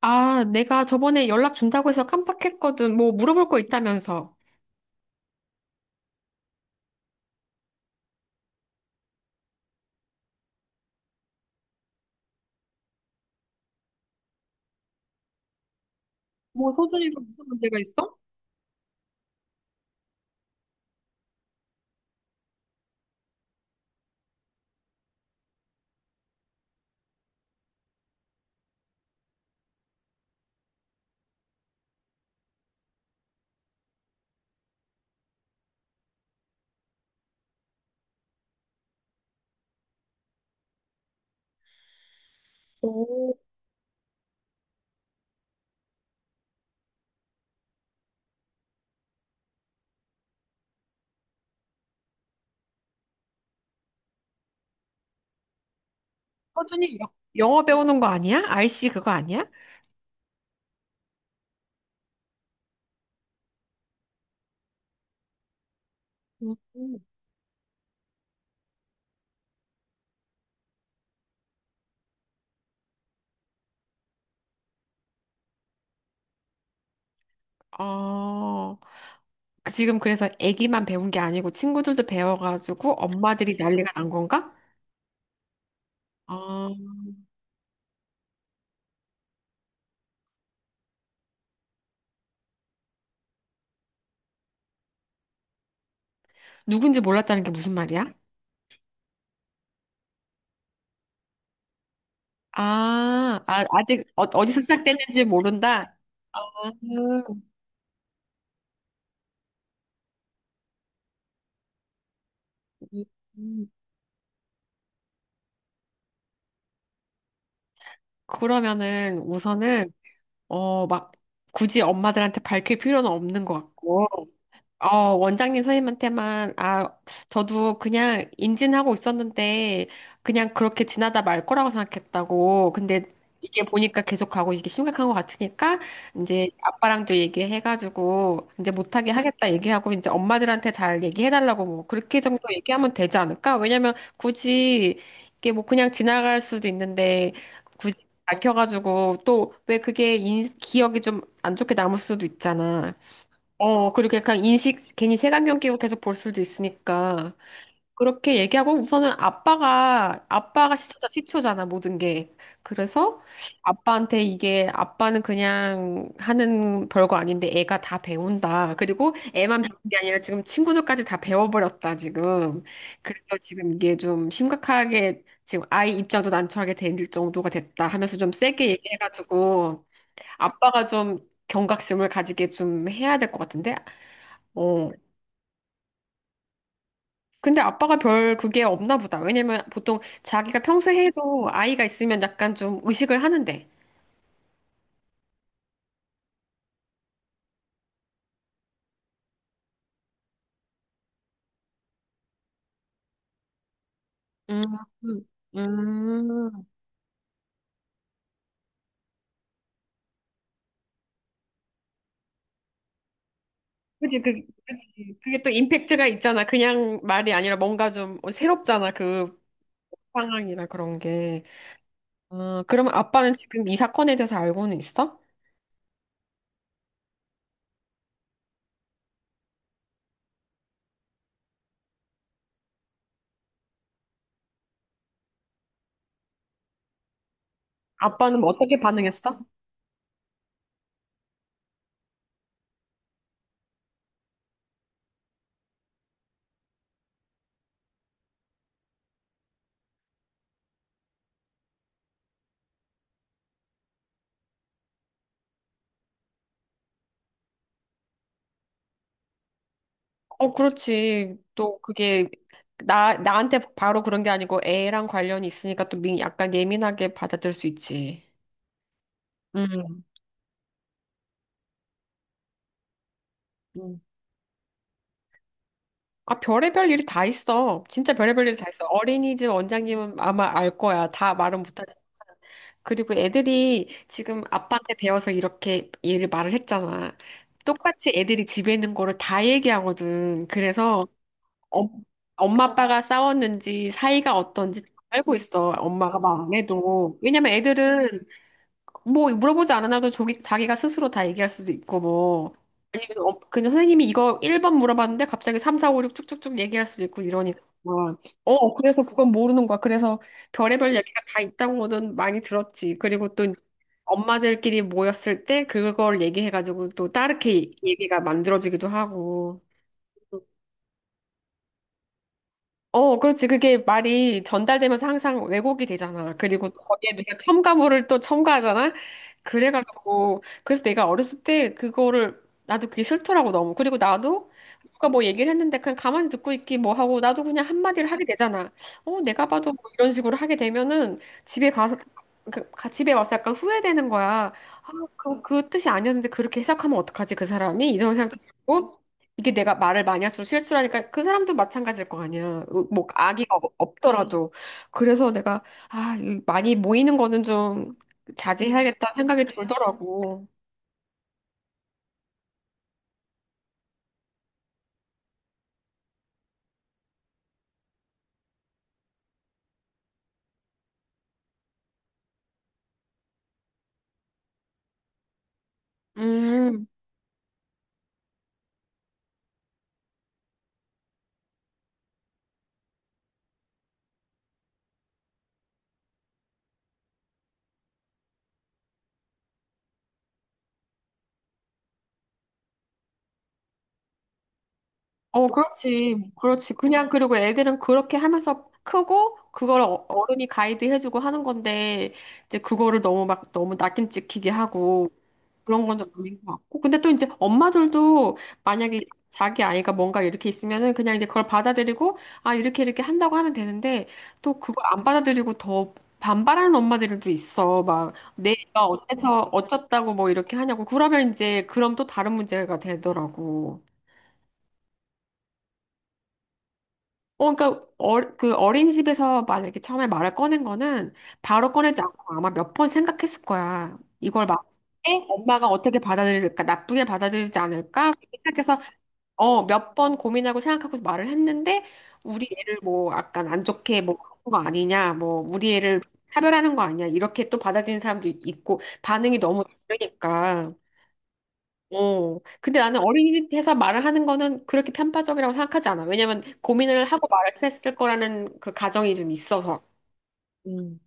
아, 내가 저번에 연락 준다고 해서 깜빡했거든. 뭐 물어볼 거 있다면서. 뭐 서준이가 무슨 문제가 있어? 오, 서준이 영어 배우는 거 아니야? 아이씨 그거 아니야? 음. 어, 그 지금 그래서 애기만 배운 게 아니고 친구들도 배워가지고 엄마들이 난리가 난 건가? 어, 누군지 몰랐다는 게 무슨 말이야? 아, 아 아직 어, 어디서 시작됐는지 모른다? 아, 음. 그러면은 우선은 어, 막 굳이 엄마들한테 밝힐 필요는 없는 것 같고. 어, 원장님 선생님한테만, 아, 저도 그냥 인진하고 있었는데, 그냥 그렇게 지나다 말 거라고 생각했다고. 근데 이게 보니까 계속 가고 이게 심각한 것 같으니까, 이제 아빠랑도 얘기해가지고, 이제 못하게 하겠다 얘기하고, 이제 엄마들한테 잘 얘기해달라고 뭐, 그렇게 정도 얘기하면 되지 않을까? 왜냐면 굳이 이게 뭐 그냥 지나갈 수도 있는데, 굳이 밝혀가지고, 또 왜 기억이 좀 안 좋게 남을 수도 있잖아. 어, 그리고 약간 인식, 괜히 색안경 끼고 계속 볼 수도 있으니까. 그렇게 얘기하고 우선은 아빠가 시초잖아, 모든 게. 그래서 아빠한테 이게 아빠는 그냥 하는 별거 아닌데 애가 다 배운다. 그리고 애만 배운 게 아니라 지금 친구들까지 다 배워버렸다, 지금. 그래서 지금 이게 좀 심각하게 지금 아이 입장도 난처하게 될 정도가 됐다 하면서 좀 세게 얘기해가지고 아빠가 좀 경각심을 가지게 좀 해야 될 것 같은데? 어. 근데 아빠가 별 그게 없나 보다. 왜냐면 보통 자기가 평소에 해도 아이가 있으면 약간 좀 의식을 하는데. 음, 음, 음. 그치, 그, 그치. 그게 또 임팩트가 있잖아. 그냥 말이 아니라 뭔가 좀 새롭잖아. 그 상황이라 그런 게. 아, 그러면 아빠는 지금 이 사건에 대해서 알고는 있어? 아빠는 뭐 어떻게 반응했어? 어, 그렇지. 또 그게 나한테 바로 그런 게 아니고 애랑 관련이 있으니까 또 약간 예민하게 받아들일 수 있지. 음. 음. 아, 별의별 일이 다 있어. 진짜 별의별 일이 다 있어. 어린이집 원장님은 아마 알 거야. 다 말은 못하지. 그리고 애들이 지금 아빠한테 배워서 이렇게 얘를 말을 했잖아. 똑같이 애들이 집에 있는 거를 다 얘기하거든. 그래서 엄, 엄마 아빠가 싸웠는지 사이가 어떤지 다 알고 있어. 엄마가 망안 해도. 왜냐면 애들은 뭐 물어보지 않아도 자기가 스스로 다 얘기할 수도 있고, 뭐 아니면 어, 그냥 선생님이 이거 1번 물어봤는데 갑자기 3, 4, 5, 6 쭉쭉쭉 얘기할 수도 있고 이러니까 어, 그래서 그건 모르는 거야. 그래서 별의별 얘기가 다 있다고는 많이 들었지. 그리고 또 이제 엄마들끼리 모였을 때 그걸 얘기해가지고 또 다르게 얘기가 만들어지기도 하고. 어, 그렇지. 그게 말이 전달되면서 항상 왜곡이 되잖아. 그리고 또 거기에 내가 첨가물을 또 첨가하잖아. 그래가지고, 그래서 내가 어렸을 때 그거를, 나도 그게 싫더라고, 너무. 그리고 나도 누가 뭐 얘기를 했는데 그냥 가만히 듣고 있기 뭐 하고, 나도 그냥 한마디를 하게 되잖아. 어, 내가 봐도 뭐 이런 식으로 하게 되면은 집에 가서, 그, 가- 집에 와서 약간 후회되는 거야. 아, 그 뜻이 아니었는데 그렇게 해석하면 어떡하지, 그 사람이? 이런 생각도 들고. 이게 내가 말을 많이 할수록 실수를 하니까 그 사람도 마찬가지일 거 아니야. 으, 뭐 없더라도. 그래서 내가 아, 이 많이 모이는 거는 좀 자제해야겠다 생각이 들더라고. 음, 어, 그렇지. 그렇지. 그냥 그리고 애들은 그렇게 하면서 크고 그걸 어른이 가이드 해주고 하는 건데 이제 그거를 너무 낙인 찍히게 하고 그런 건 좀 아닌 것 같고. 근데 또 이제 엄마들도 만약에 자기 아이가 뭔가 이렇게 있으면은 그냥 이제 그걸 받아들이고, 아, 이렇게 이렇게 한다고 하면 되는데, 또 그걸 안 받아들이고 더 반발하는 엄마들도 있어. 막, 내 애가 어때서 어쩌다고 뭐 이렇게 하냐고. 그러면 이제, 그럼 또 다른 문제가 되더라고. 어, 그러니까, 어, 그 어린이집에서 만약에 처음에 말을 꺼낸 거는 바로 꺼내지 않고 아마 몇 번 생각했을 거야. 이걸 막 때 엄마가 어떻게 받아들일까? 나쁘게 받아들이지 않을까? 그렇게 생각해서 어, 몇 번 고민하고 생각하고 말을 했는데, 우리 애를 뭐, 약간 안 좋게 뭐, 하거 아니냐, 뭐, 우리 애를 차별하는 거 아니냐, 이렇게 또 받아들이는 사람도 있고, 반응이 너무 다르니까. 어, 근데 나는 어린이집에서 말을 하는 거는 그렇게 편파적이라고 생각하지 않아. 왜냐면 고민을 하고 말을 했을 거라는 그 가정이 좀 있어서. 음.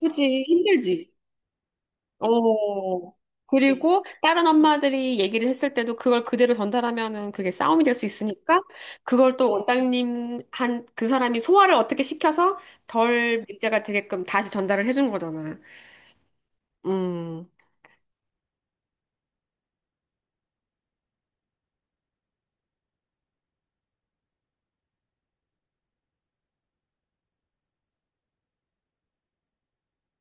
그지, 힘들지. 어. 그리고 다른 엄마들이 얘기를 했을 때도 그걸 그대로 전달하면은 그게 싸움이 될 수 있으니까 그걸 또 원장님 한 그 사람이 소화를 어떻게 시켜서 덜 문제가 되게끔 다시 전달을 해준 거잖아. 음.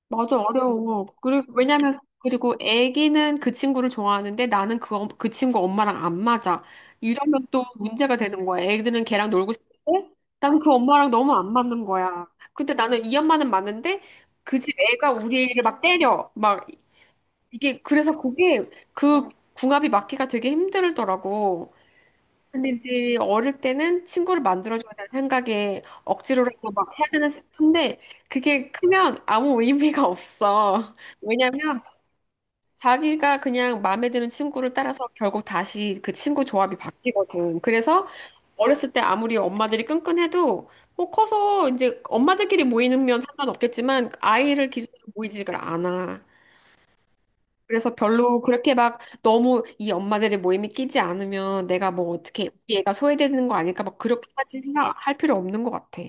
맞아, 어려워. 그리고, 왜냐면, 그리고 애기는 그 친구를 좋아하는데 나는 그 친구 엄마랑 안 맞아. 이러면 또 문제가 되는 거야. 애들은 걔랑 놀고 싶은데 나는 그 엄마랑 너무 안 맞는 거야. 근데 나는 이 엄마는 맞는데 그 집 애가 우리 애를 막 때려. 막, 이게, 그래서 그게 그 궁합이 맞기가 되게 힘들더라고. 근데 이제 어릴 때는 친구를 만들어줘야 되는 생각에 억지로라도 막 해야 되는 싶은데 그게 크면 아무 의미가 없어. 왜냐면 자기가 그냥 마음에 드는 친구를 따라서 결국 다시 그 친구 조합이 바뀌거든. 그래서 어렸을 때 아무리 엄마들이 끈끈해도 뭐 커서 이제 엄마들끼리 모이면 상관없겠지만 아이를 기준으로 모이지를 않아. 그래서 별로 그렇게 막 너무 이 엄마들의 모임에 끼지 않으면 내가 뭐 어떻게 우리 애가 소외되는 거 아닐까 막 그렇게까지 생각할 필요 없는 것 같아.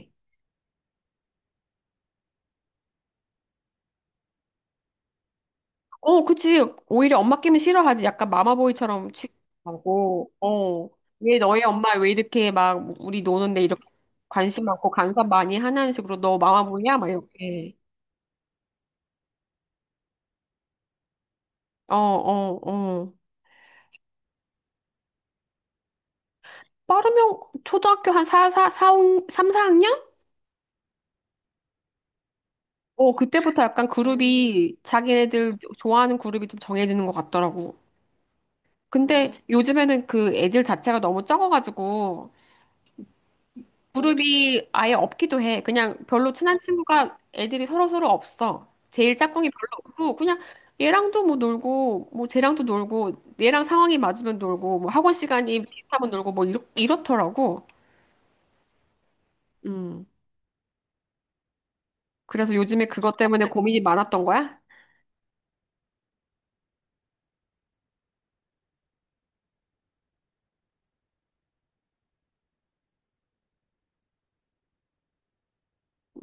어, 그치. 오히려 엄마 끼면 싫어하지. 약간 마마보이처럼 취급하고, 어. 왜 너희 엄마 왜 이렇게 막 우리 노는데 이렇게 관심 많고 간섭 많이 하냐는 식으로 너 마마보이야? 막 이렇게. 어, 어, 어. 빠르면 초등학교 한 사, 사, 사, 3, 4학년? 어, 그때부터 약간 그룹이 자기네들 좋아하는 그룹이 좀 정해지는 것 같더라고. 근데 요즘에는 그 애들 자체가 너무 적어가지고 그룹이 아예 없기도 해. 그냥 별로 친한 친구가 애들이 서로서로 없어. 제일 짝꿍이 별로 없고 그냥 얘랑도 뭐 놀고 뭐 쟤랑도 놀고 얘랑 상황이 맞으면 놀고 뭐 학원 시간이 비슷하면 놀고 뭐 이렇더라고. 음. 그래서 요즘에 그것 때문에 고민이 많았던 거야?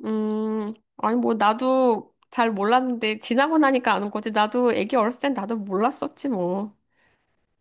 음, 아니, 뭐, 나도 잘 몰랐는데, 지나고 나니까 아는 거지. 나도 애기 어렸을 땐 나도 몰랐었지, 뭐.